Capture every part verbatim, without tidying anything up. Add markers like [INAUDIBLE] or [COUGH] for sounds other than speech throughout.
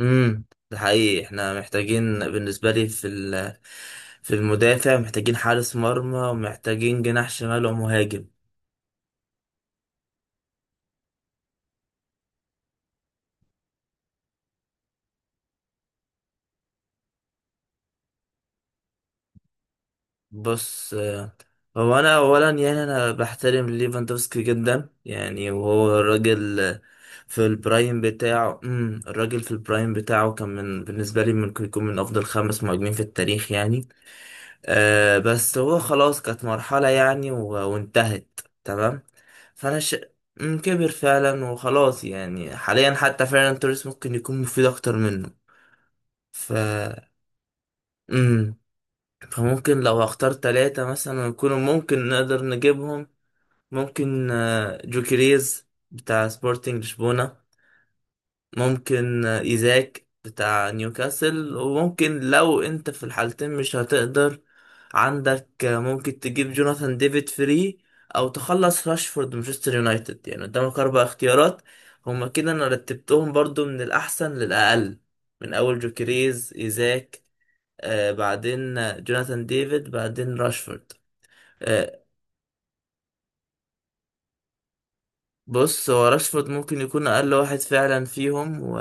امم ده حقيقي، احنا محتاجين بالنسبه لي في ال- في المدافع، محتاجين حارس مرمى ومحتاجين جناح شمال ومهاجم. بص، آه، هو انا اولا يعني انا بحترم ليفاندوفسكي جدا، يعني وهو الراجل آه، في البرايم بتاعه. امم الراجل في البرايم بتاعه كان من بالنسبه لي ممكن يكون من افضل خمس مهاجمين في التاريخ يعني. آه بس هو خلاص كانت مرحله يعني، و- وانتهت تمام. فانا ش... مم، كبر فعلا وخلاص، يعني حاليا حتى فعلا توريس ممكن يكون مفيد اكتر منه. ف مم. فممكن لو هختار ثلاثة مثلا يكونوا ممكن نقدر نجيبهم. ممكن آه، جوكيريز بتاع سبورتنج لشبونة. ممكن آه، ايزاك بتاع نيوكاسل، وممكن لو انت في الحالتين مش هتقدر، عندك آه، ممكن تجيب جوناثان ديفيد فري، او تخلص راشفورد مانشستر يونايتد، يعني قدامك اربع اختيارات. هما كده، انا رتبتهم برضو من الاحسن للاقل، من اول جوكريز، ايزاك، آه بعدين آه، جوناثان ديفيد، بعدين راشفورد. آه، بص، هو راشفورد ممكن يكون اقل واحد فعلا فيهم و...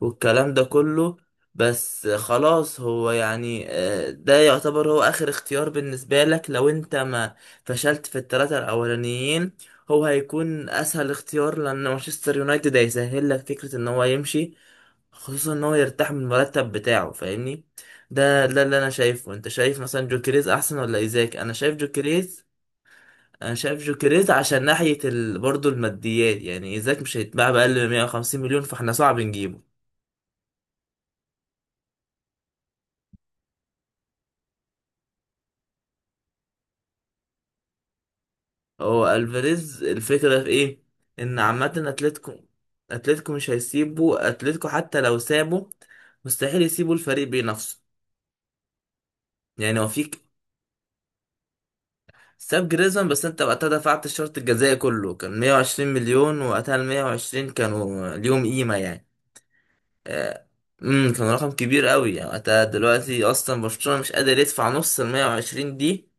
والكلام ده كله، بس خلاص هو يعني، آه، ده يعتبر هو اخر اختيار بالنسبة لك لو انت ما فشلت في الثلاثة الاولانيين. هو هيكون اسهل اختيار لان مانشستر يونايتد هيسهل لك فكرة ان هو يمشي، خصوصا ان هو يرتاح من المرتب بتاعه، فاهمني؟ ده ده اللي انا شايفه. انت شايف مثلا جوكريز احسن ولا ايزاك؟ انا شايف جوكريز. انا شايف جوكريز عشان ناحية ال... برضه الماديات، يعني ايزاك مش هيتباع بأقل من مية وخمسين مليون، فاحنا صعب نجيبه. هو الفاريز، الفكرة في ايه؟ ان عامة اتلتيكو اتلتيكو مش هيسيبه. اتلتيكو حتى لو سابه مستحيل يسيبوا الفريق بنفسه، يعني هو فيك. ساب جريزمان بس انت وقتها دفعت الشرط الجزائي كله، كان مية وعشرين مليون، وقتها ال مية وعشرين كانوا ليهم قيمة يعني. آه، امم كان رقم كبير قوي يعني وقتها. دلوقتي اصلا برشلونة مش قادر يدفع نص ال مية وعشرين دي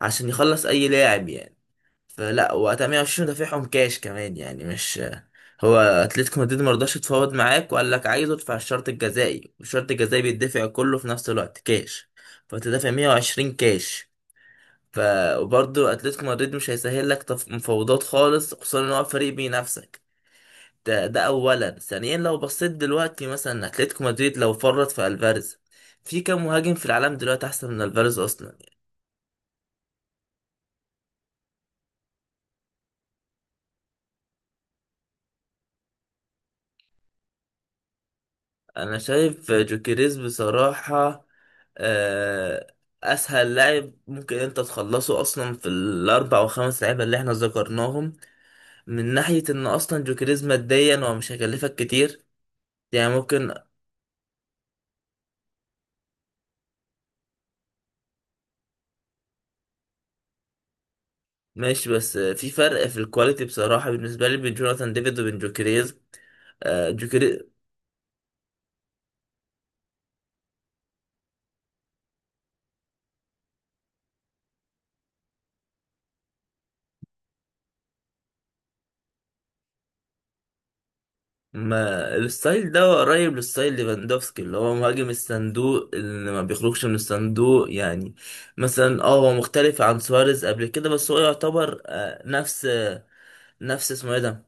عشان يخلص اي لاعب يعني. فلا وقتها مية وعشرين دافعهم كاش كمان يعني، مش. هو اتلتيكو مدريد مرضاش يتفاوض معاك، وقال لك عايزه ادفع الشرط الجزائي، والشرط الجزائي بيدفع كله في نفس الوقت كاش، فتدفع مية وعشرين كاش. ف وبرضه اتلتيكو مدريد مش هيسهل لك تف- مفاوضات خالص، خصوصا ان هو فريق بينافسك. ده, ده اولا. ثانيا، لو بصيت دلوقتي مثلا اتلتيكو مدريد لو فرط في الفاريز، في كام مهاجم في العالم دلوقتي احسن من الفاريز اصلا؟ انا شايف جوكيريز بصراحة. آه، اسهل لاعب ممكن انت تخلصه اصلا في الاربع وخمس لعيبة اللي احنا ذكرناهم، من ناحية ان اصلا جوكيريز ماديا هو مش هيكلفك كتير. يعني ممكن. ماشي، بس في فرق في الكواليتي بصراحة بالنسبة لي بين جوناثان ديفيد وبين جوكيريز. ما الستايل ده قريب للستايل ليفاندوفسكي، اللي هو مهاجم الصندوق، اللي ما بيخرجش من الصندوق يعني. مثلا اه هو مختلف عن سواريز قبل كده، بس هو يعتبر آه، نفس نفس اسمه ايه ده،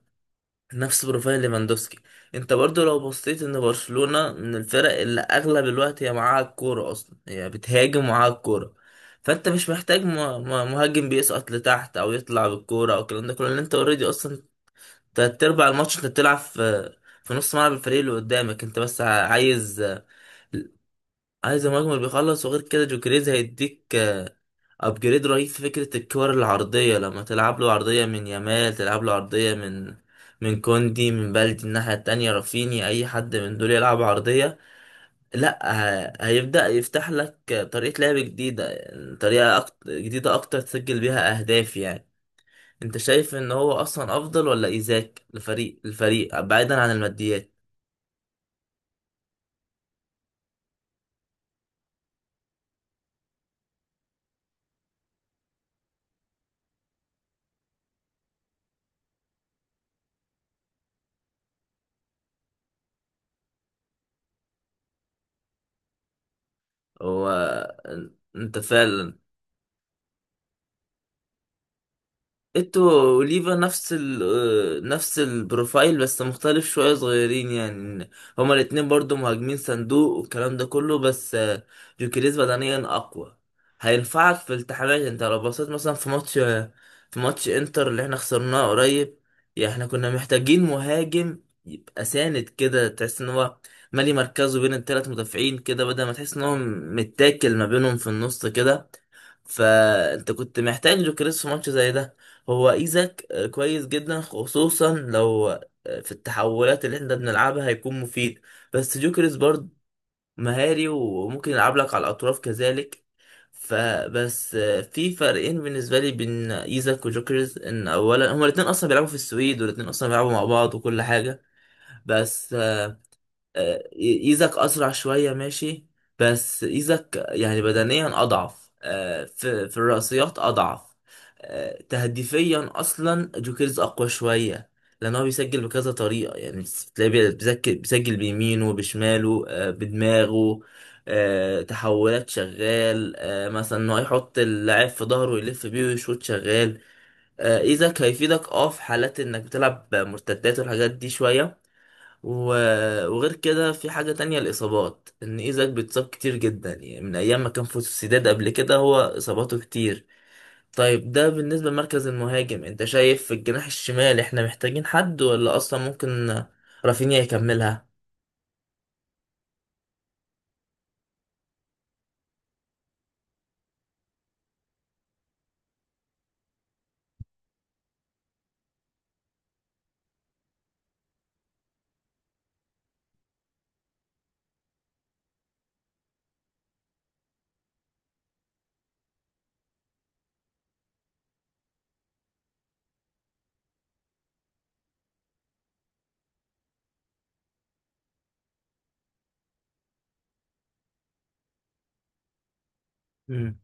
نفس بروفايل ليفاندوفسكي. انت برضو لو بصيت، ان برشلونة من الفرق اللي اغلب الوقت هي معاها الكورة، اصلا هي بتهاجم معاها الكورة. فانت مش محتاج م- م- مهاجم بيسقط لتحت او يطلع بالكورة او الكلام ده كله، لان انت اوريدي اصلا تلات أرباع الماتش أنت بتلعب في في نص ملعب الفريق اللي قدامك، أنت بس ع- عايز، عايز المهاجم اللي بيخلص. وغير كده جوكريز هيديك أبجريد رهيب في فكرة الكور العرضية، لما تلعب له عرضية من يامال، تلعب له عرضية من من كوندي، من بلدي الناحية التانية، رافيني، أي حد من دول يلعب عرضية، لأ، ه- هيبدأ يفتح لك طريقة لعب جديدة، طريقة أكتر جديدة أكتر تسجل بيها أهداف يعني. انت شايف ان هو اصلا افضل ولا ايزاك لفريق الفريق بعيدا عن الماديات؟ هو انت فعلا. ايتو واوليفا نفس ال آه، نفس البروفايل، بس مختلف شوية، صغيرين يعني. هما الاتنين برضو مهاجمين صندوق والكلام ده كله، بس آه، جوكيريز بدنيا أقوى، هينفعك في التحامات. انت لو بصيت مثلا في ماتش آه، في ماتش انتر اللي احنا خسرناه قريب، يعني احنا كنا محتاجين مهاجم يبقى ساند كده، تحس ان هو مالي مركزه بين التلات مدافعين كده، بدل ما تحس ان هو متاكل ما بينهم في النص كده. فانت كنت محتاج جوكريس في ماتش زي ده. هو ايزاك آه، كويس جدا، خصوصا لو، آه، في التحولات اللي احنا بنلعبها هيكون مفيد. بس جوكريس برضه مهاري، وممكن يلعب لك على الاطراف كذلك. فبس آه، في فرقين بالنسبه لي بين ايزاك وجوكريس، ان اولا هما الاثنين اصلا بيلعبوا في السويد، والاثنين اصلا بيلعبوا مع بعض وكل حاجه. بس آه، ايزك اسرع شويه، ماشي، بس ايزك يعني بدنيا اضعف آه، في في الرأسيات اضعف. آه، تهديفيا اصلا جوكيرز اقوى شويه، لان هو بيسجل بكذا طريقه يعني. تلاقيه بيسجل بيسجل بيمينه، بشماله آه، بدماغه. آه، تحولات شغال آه، مثلا انه يحط اللاعب في ظهره يلف بيه ويشوط شغال. آه، ايزك هيفيدك اه في حالات انك بتلعب مرتدات والحاجات دي شويه. و- وغير كده في حاجة تانية، الإصابات، إن إيزاك بيتصاب كتير جدا يعني، من أيام ما كان في السداد قبل كده هو إصاباته كتير. طيب ده بالنسبة لمركز المهاجم. أنت شايف في الجناح الشمال إحنا محتاجين حد، ولا أصلا ممكن رافينيا يكملها؟ مم.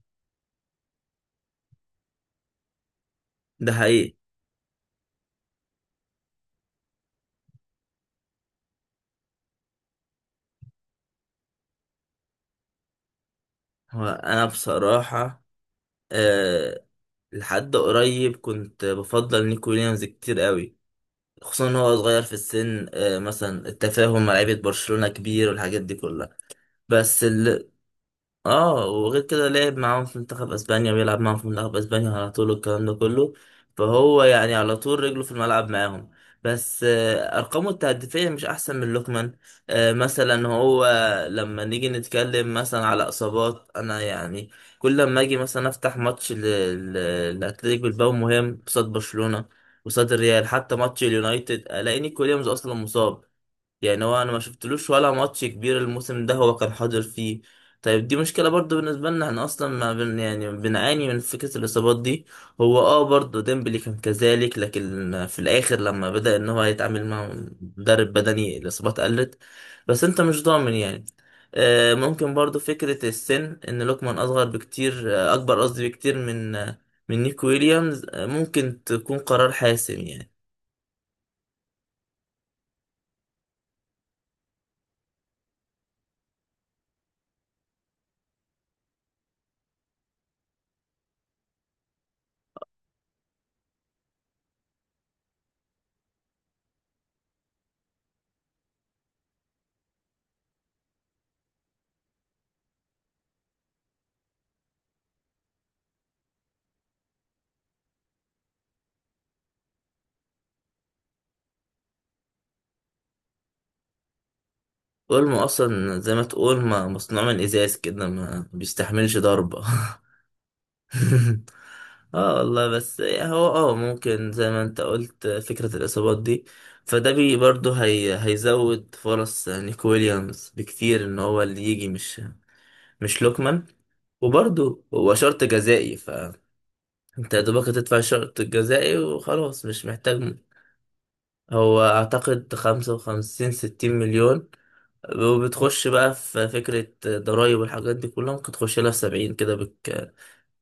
ده حقيقي. هو أنا بصراحة، أه، لحد قريب كنت بفضل نيكو ويليامز كتير قوي، خصوصا إن هو صغير في السن، أه مثلا التفاهم مع لعيبة برشلونة كبير والحاجات دي كلها. بس اه، وغير كده لعب معاهم في منتخب اسبانيا ويلعب معاهم في منتخب اسبانيا على طول والكلام ده كله، فهو يعني على طول رجله في الملعب معاهم. بس آه، ارقامه التهديفيه مش احسن من لوكمان. آه، مثلا هو لما نيجي نتكلم مثلا على اصابات، انا يعني كل لما اجي مثلا افتح ماتش ل- ل- لاتلتيك بالباو مهم قصاد برشلونه، قصاد الريال، حتى ماتش اليونايتد، الاقيني كل يوم اصلا مصاب. يعني هو، انا ما شفتلوش ولا ماتش كبير الموسم ده هو كان حاضر فيه. طيب دي مشكلة برضو بالنسبة لنا، احنا اصلا ما بن يعني بنعاني من فكرة الاصابات دي. هو اه برضو ديمبلي كان كذلك، لكن في الاخر لما بدأ ان هو يتعامل مع مدرب بدني الاصابات قلت، بس انت مش ضامن يعني. آه، ممكن برضو فكرة السن، ان لوكمان اصغر بكتير آه، اكبر قصدي بكتير من آه، من نيك ويليامز آه، ممكن تكون قرار حاسم يعني. اولمو اصلا زي ما تقول ما مصنوع من ازاز كده، ما بيستحملش ضربة. [LAUGHS] اه والله، بس هو اه ممكن زي ما انت قلت فكرة الاصابات دي، فده بي برضه هي هيزود فرص نيكو ويليامز بكتير، ان هو اللي يجي، مش مش لوكمان. وبرضه هو شرط جزائي، فانت يا دوبك هتدفع الشرط الجزائي وخلاص، مش محتاج. هو اعتقد خمسة وخمسين، ستين مليون، وبتخش بقى في فكرة ضرايب والحاجات دي كلها، ممكن تخش لها في سبعين كده بك...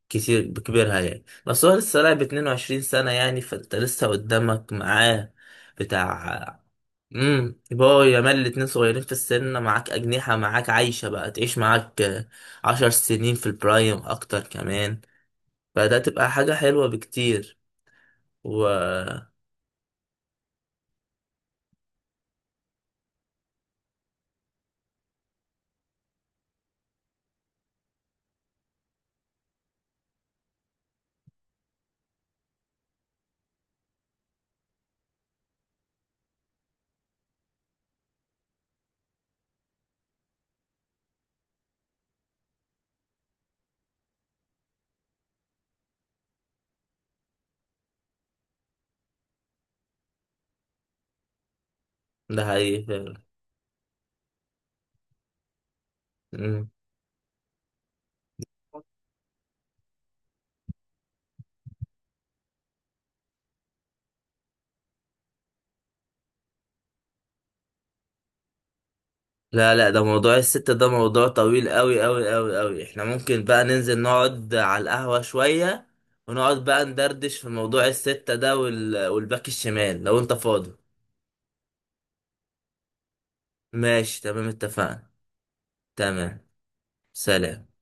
كتير بكبرها يعني. بس هو لسه لاعب اتنين وعشرين سنة يعني، فانت لسه قدامك معاه بتاع. امم يبقى يامال الاتنين صغيرين في السن معاك، أجنحة معاك عايشة بقى تعيش معاك آه، عشر سنين في البرايم أكتر كمان، فده تبقى حاجة حلوة بكتير. و ده حقيقي فعلا. لا لا، ده موضوع الست، ده موضوع طويل قوي قوي قوي قوي، احنا ممكن بقى ننزل نقعد على القهوة شوية ونقعد بقى ندردش في موضوع الستة ده، وال... والباك الشمال لو انت فاضي. ماشي تمام، اتفقنا. تمام. سلام.